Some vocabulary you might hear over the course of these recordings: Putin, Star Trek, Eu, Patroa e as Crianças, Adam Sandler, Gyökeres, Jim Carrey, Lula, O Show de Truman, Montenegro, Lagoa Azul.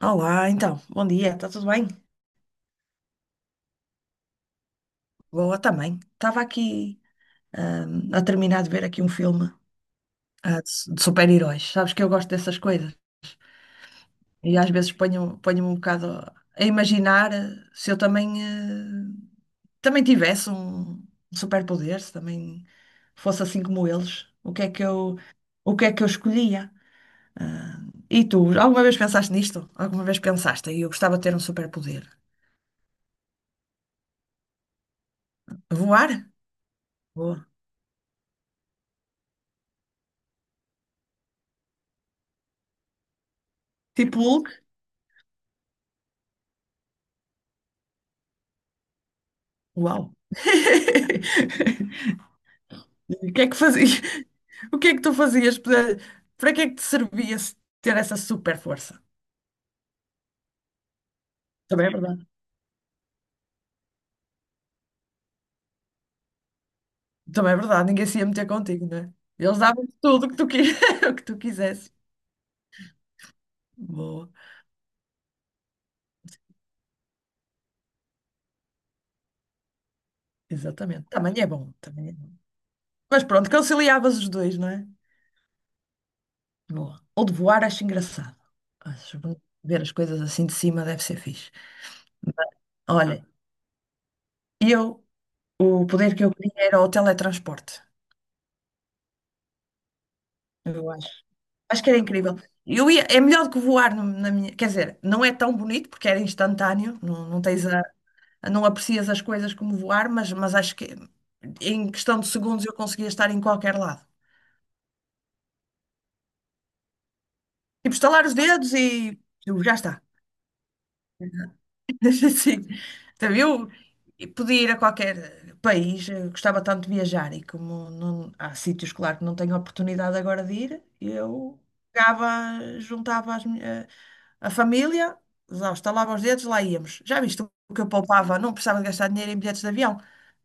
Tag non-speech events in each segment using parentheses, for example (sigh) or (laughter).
Olá, então, bom dia, está tudo bem? Boa também. Estava aqui a terminar de ver aqui um filme de super-heróis. Sabes que eu gosto dessas coisas. E às vezes ponho-me um bocado a imaginar se eu também tivesse um superpoder, se também fosse assim como eles, o que é que eu escolhia? E tu, alguma vez pensaste nisto? Alguma vez pensaste? E eu gostava de ter um superpoder. Voar? Boa. Tipo Hulk? Uau! (laughs) O que é que fazias? (laughs) O que é que tu fazias? Para que é que te servia se ter essa super força? Também é verdade. Também é verdade, ninguém se ia meter contigo, não é? Eles davam-te tudo o que tu, qui- (laughs) o que tu quisesse. Boa, exatamente. Também é bom, também é bom. Mas pronto, conciliavas os dois, não é? Boa. Ou de voar, acho engraçado. Acho bonito. Ver as coisas assim de cima deve ser fixe. Olha, eu, o poder que eu queria era o teletransporte. Eu acho. Acho que era incrível. Eu ia, é melhor do que voar na minha. Quer dizer, não é tão bonito porque era instantâneo, não tens a, não aprecias as coisas como voar, mas acho que em questão de segundos eu conseguia estar em qualquer lado. Tipo, estalar os dedos e eu, já está. (laughs) Sim. Então, eu podia ir a qualquer país, eu gostava tanto de viajar e como há sítios, claro, que não tenho oportunidade agora de ir, eu pegava, juntava a família, lá estalava os dedos, lá íamos. Já viste o que eu poupava? Não precisava de gastar dinheiro em bilhetes de avião,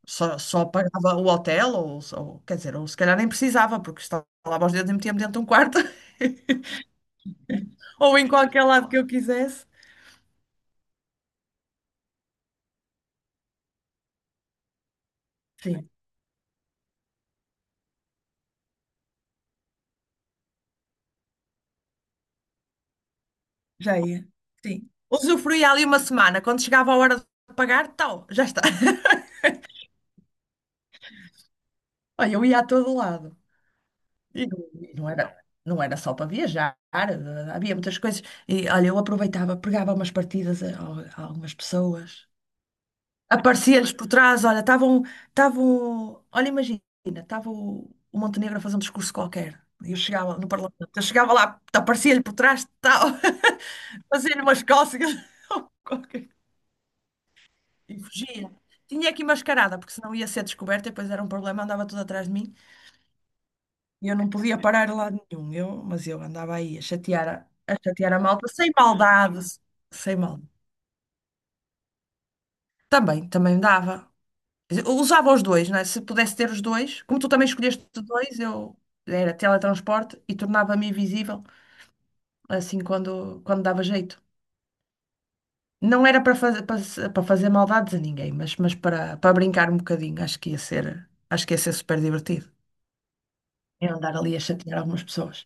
só pagava o hotel, ou quer dizer, ou se calhar nem precisava, porque estalava os dedos e metia-me dentro de um quarto (laughs) ou em qualquer lado que eu quisesse. Já ia. Sim. Usufruía ali uma semana. Quando chegava a hora de pagar, tal, já está. (laughs) Olha, eu ia a todo lado. E não, e não era, não era só para viajar, havia muitas coisas. E olha, eu aproveitava, pegava umas partidas a algumas pessoas. Aparecia-lhes por trás, olha, olha, imagina, estava o Montenegro a fazer um discurso qualquer. E eu chegava no Parlamento, eu chegava lá, aparecia-lhe por trás, tal, (laughs) fazia-lhe umas cócegas. (laughs) E fugia. Tinha aqui mascarada, porque senão ia ser descoberta e depois era um problema, andava tudo atrás de mim e eu não podia parar a lado nenhum. Mas eu andava aí a chatear a chatear a malta sem maldade, sem mal. Também dava. Quer dizer, eu usava os dois, não é? Se pudesse ter os dois, como tu também escolheste dois, eu era teletransporte e tornava-me invisível assim quando dava jeito. Não era para fazer, para, se- para fazer maldades a ninguém, mas para brincar um bocadinho, acho que ia ser super divertido. Em andar ali a chatear algumas pessoas.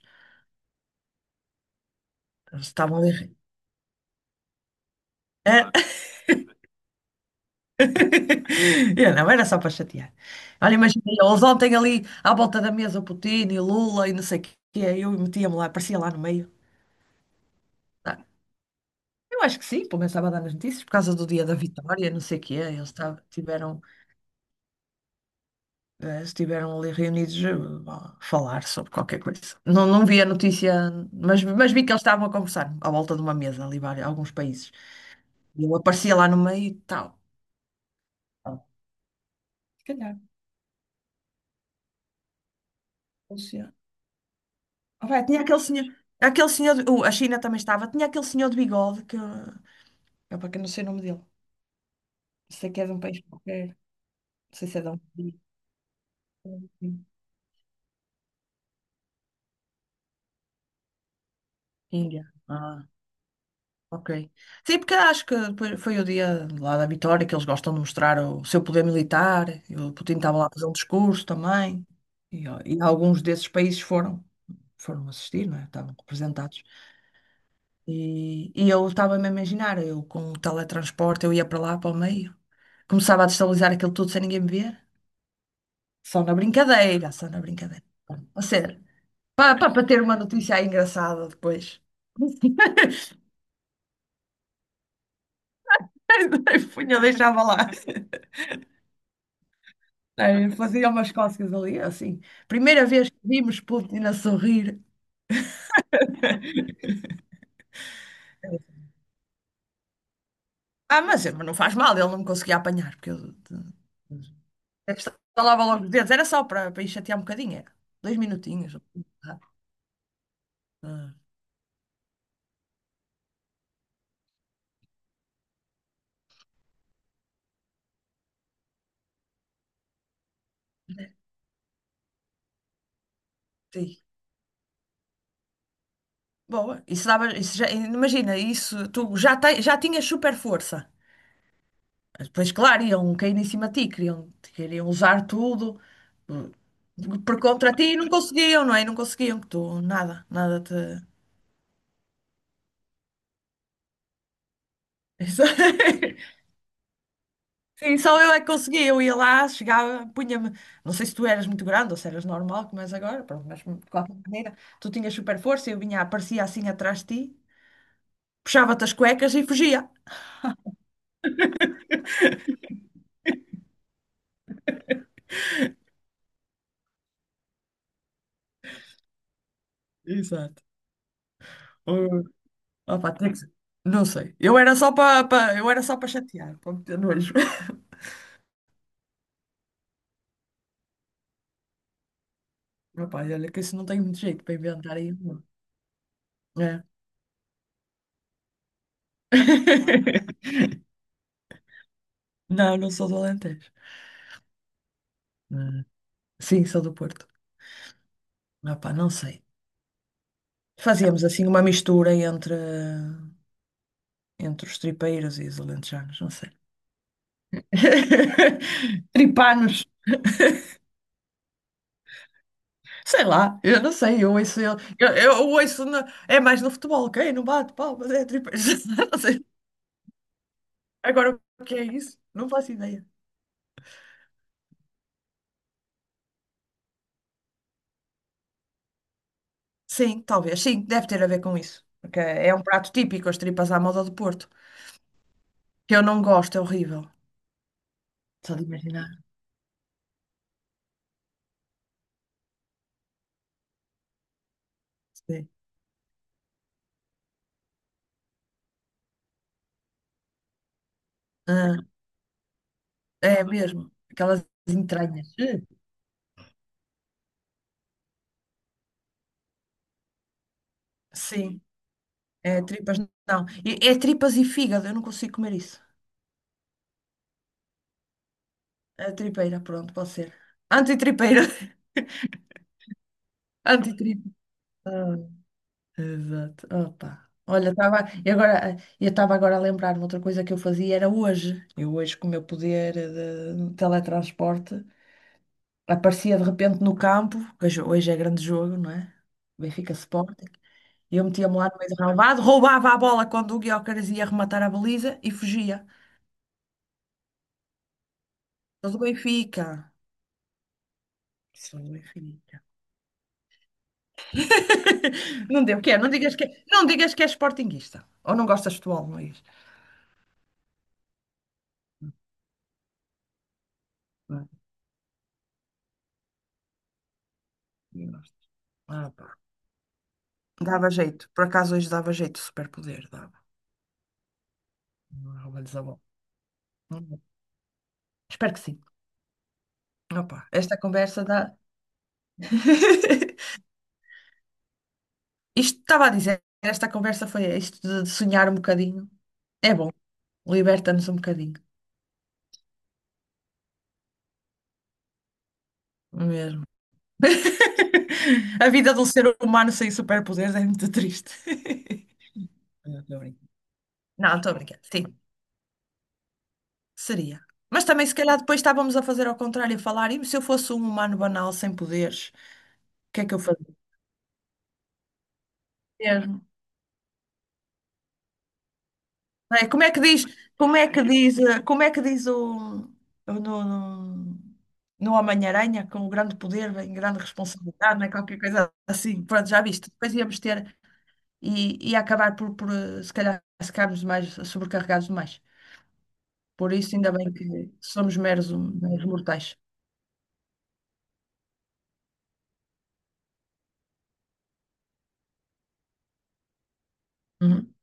Eles estavam ali. Hã? (laughs) Eu não, era só para chatear. Olha, imagina, eles ontem ali à volta da mesa, o Putin e o Lula e não sei o quê, eu metia-me lá, aparecia lá no meio. Ah, eu acho que sim, pelo menos estava a dar nas notícias, por causa do dia da vitória, não sei o quê, eles tiveram, estiveram ali reunidos a falar sobre qualquer coisa. Não vi a notícia, mas vi que eles estavam a conversar à volta de uma mesa ali, alguns países. E eu aparecia lá no meio e tal. Ah, se calhar, Rússia. Opa, tinha aquele senhor, a China também estava, tinha aquele senhor de bigode que, opa, que eu não sei o nome dele, sei que é de um país qualquer, não sei se é de um país, Índia. Ah, ok. Sim, porque acho que depois foi o dia lá da vitória que eles gostam de mostrar o seu poder militar, e o Putin estava lá a fazer um discurso também, e, ó, e alguns desses países foram, assistir, não é? Estavam representados. E eu estava-me a imaginar, eu com o teletransporte, eu ia para lá, para o meio. Começava a destabilizar aquilo tudo sem ninguém me ver. Só na brincadeira, só na brincadeira. A sério. Para ter uma notícia aí engraçada depois. (laughs) Punha, deixava lá. Ai, fazia umas cócegas ali, assim. Primeira vez que vimos Putin a sorrir. Ah, mas não faz mal, ele não me conseguia apanhar, porque eu estalava logo os dedos. Era só para ir chatear um bocadinho, era. 2 minutinhos. Ah, ah, sim. Boa, isso dava, isso já, imagina, isso tu já tinhas super força. Mas depois, claro, iam cair em cima de ti, queriam usar tudo por contra ti e não conseguiam, não é? E não conseguiam que tu nada, nada te. Isso- (laughs) Sim, só eu é que conseguia. Eu ia lá, chegava, punha-me. Não sei se tu eras muito grande ou se eras normal, como és agora, pronto, mas de qualquer maneira, tu tinhas super força, eu vinha, aparecia assim atrás de ti, puxava-te as cuecas e fugia. Exato. Opa, não sei. Eu era só para chatear, para meter nojo. (laughs) Opa, olha que isso não tem muito jeito para inventar aí. Não. É. (laughs) Não, não sou do Alentejo. Ah, sim, sou do Porto. Opa, não sei. Fazíamos assim uma mistura entre os tripeiros e os alentejanos, não sei. (laughs) Tripanos, sei lá, eu não sei, eu ouço ele, eu ouço, é mais no futebol, ok? Não bate palmas, é tripeiros, (laughs) não sei. Agora o que é isso? Não faço ideia. Sim, talvez. Sim, deve ter a ver com isso. Porque é um prato típico, as tripas à moda do Porto. Que eu não gosto, é horrível. Só de imaginar. Sim. Ah, é mesmo. Aquelas entranhas. Eh. Sim, é tripas não. É tripas e fígado, eu não consigo comer isso. É tripeira, pronto, pode ser. Antitripeira. (laughs) Antitripa. Ah, exato. Opa. Olha, estava. E agora, eu estava agora a lembrar-me outra coisa que eu fazia era hoje. Eu hoje, com o meu poder de teletransporte, aparecia de repente no campo, que hoje é grande jogo, não é? Benfica Sporting. E eu metia-me lá no meio do relvado, roubava a bola quando o Gyökeres ia rematar a baliza e fugia. Sou do Benfica. Sou do Benfica. (laughs) Não deu, o que é? Não digas que és sportinguista. Ou não gostas de futebol, Luís? Não, não gosto. Ah, pá. Dava jeito. Por acaso hoje dava jeito, superpoder, dava. Não, rouba-lhes a bola. Hum. Espero que sim. Ah, pá. Esta conversa dá. (laughs) Isto estava a dizer, esta conversa foi isto de sonhar um bocadinho. É bom, liberta-nos um bocadinho, mesmo. (laughs) A vida de um ser humano sem superpoderes é muito triste. (laughs) Não, tô brincando. Não, estou a brincar. Sim, seria. Mas também, se calhar, depois estávamos a fazer ao contrário, a falar, e se eu fosse um humano banal sem poderes, o que é que eu fazia? Não é? Como é que diz o no, no, no Homem-Aranha, com grande poder vem grande responsabilidade, não é? Qualquer coisa assim, pronto, já viste. Depois íamos ter e acabar por, se calhar, ficarmos mais sobrecarregados demais. Por isso, ainda bem que somos meros, meros mortais. Uhum.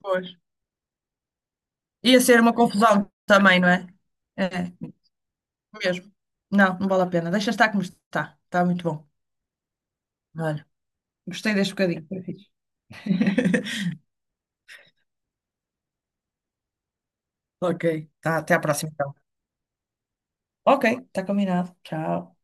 Pois. Ia ser uma confusão também, não é? É, mesmo. Não, não vale a pena. Deixa estar como está. Está muito bom. Olha, gostei deste bocadinho. Foi fixe. (laughs) Ok. Tá, até à próxima, então. Ok, tá combinado. Tchau.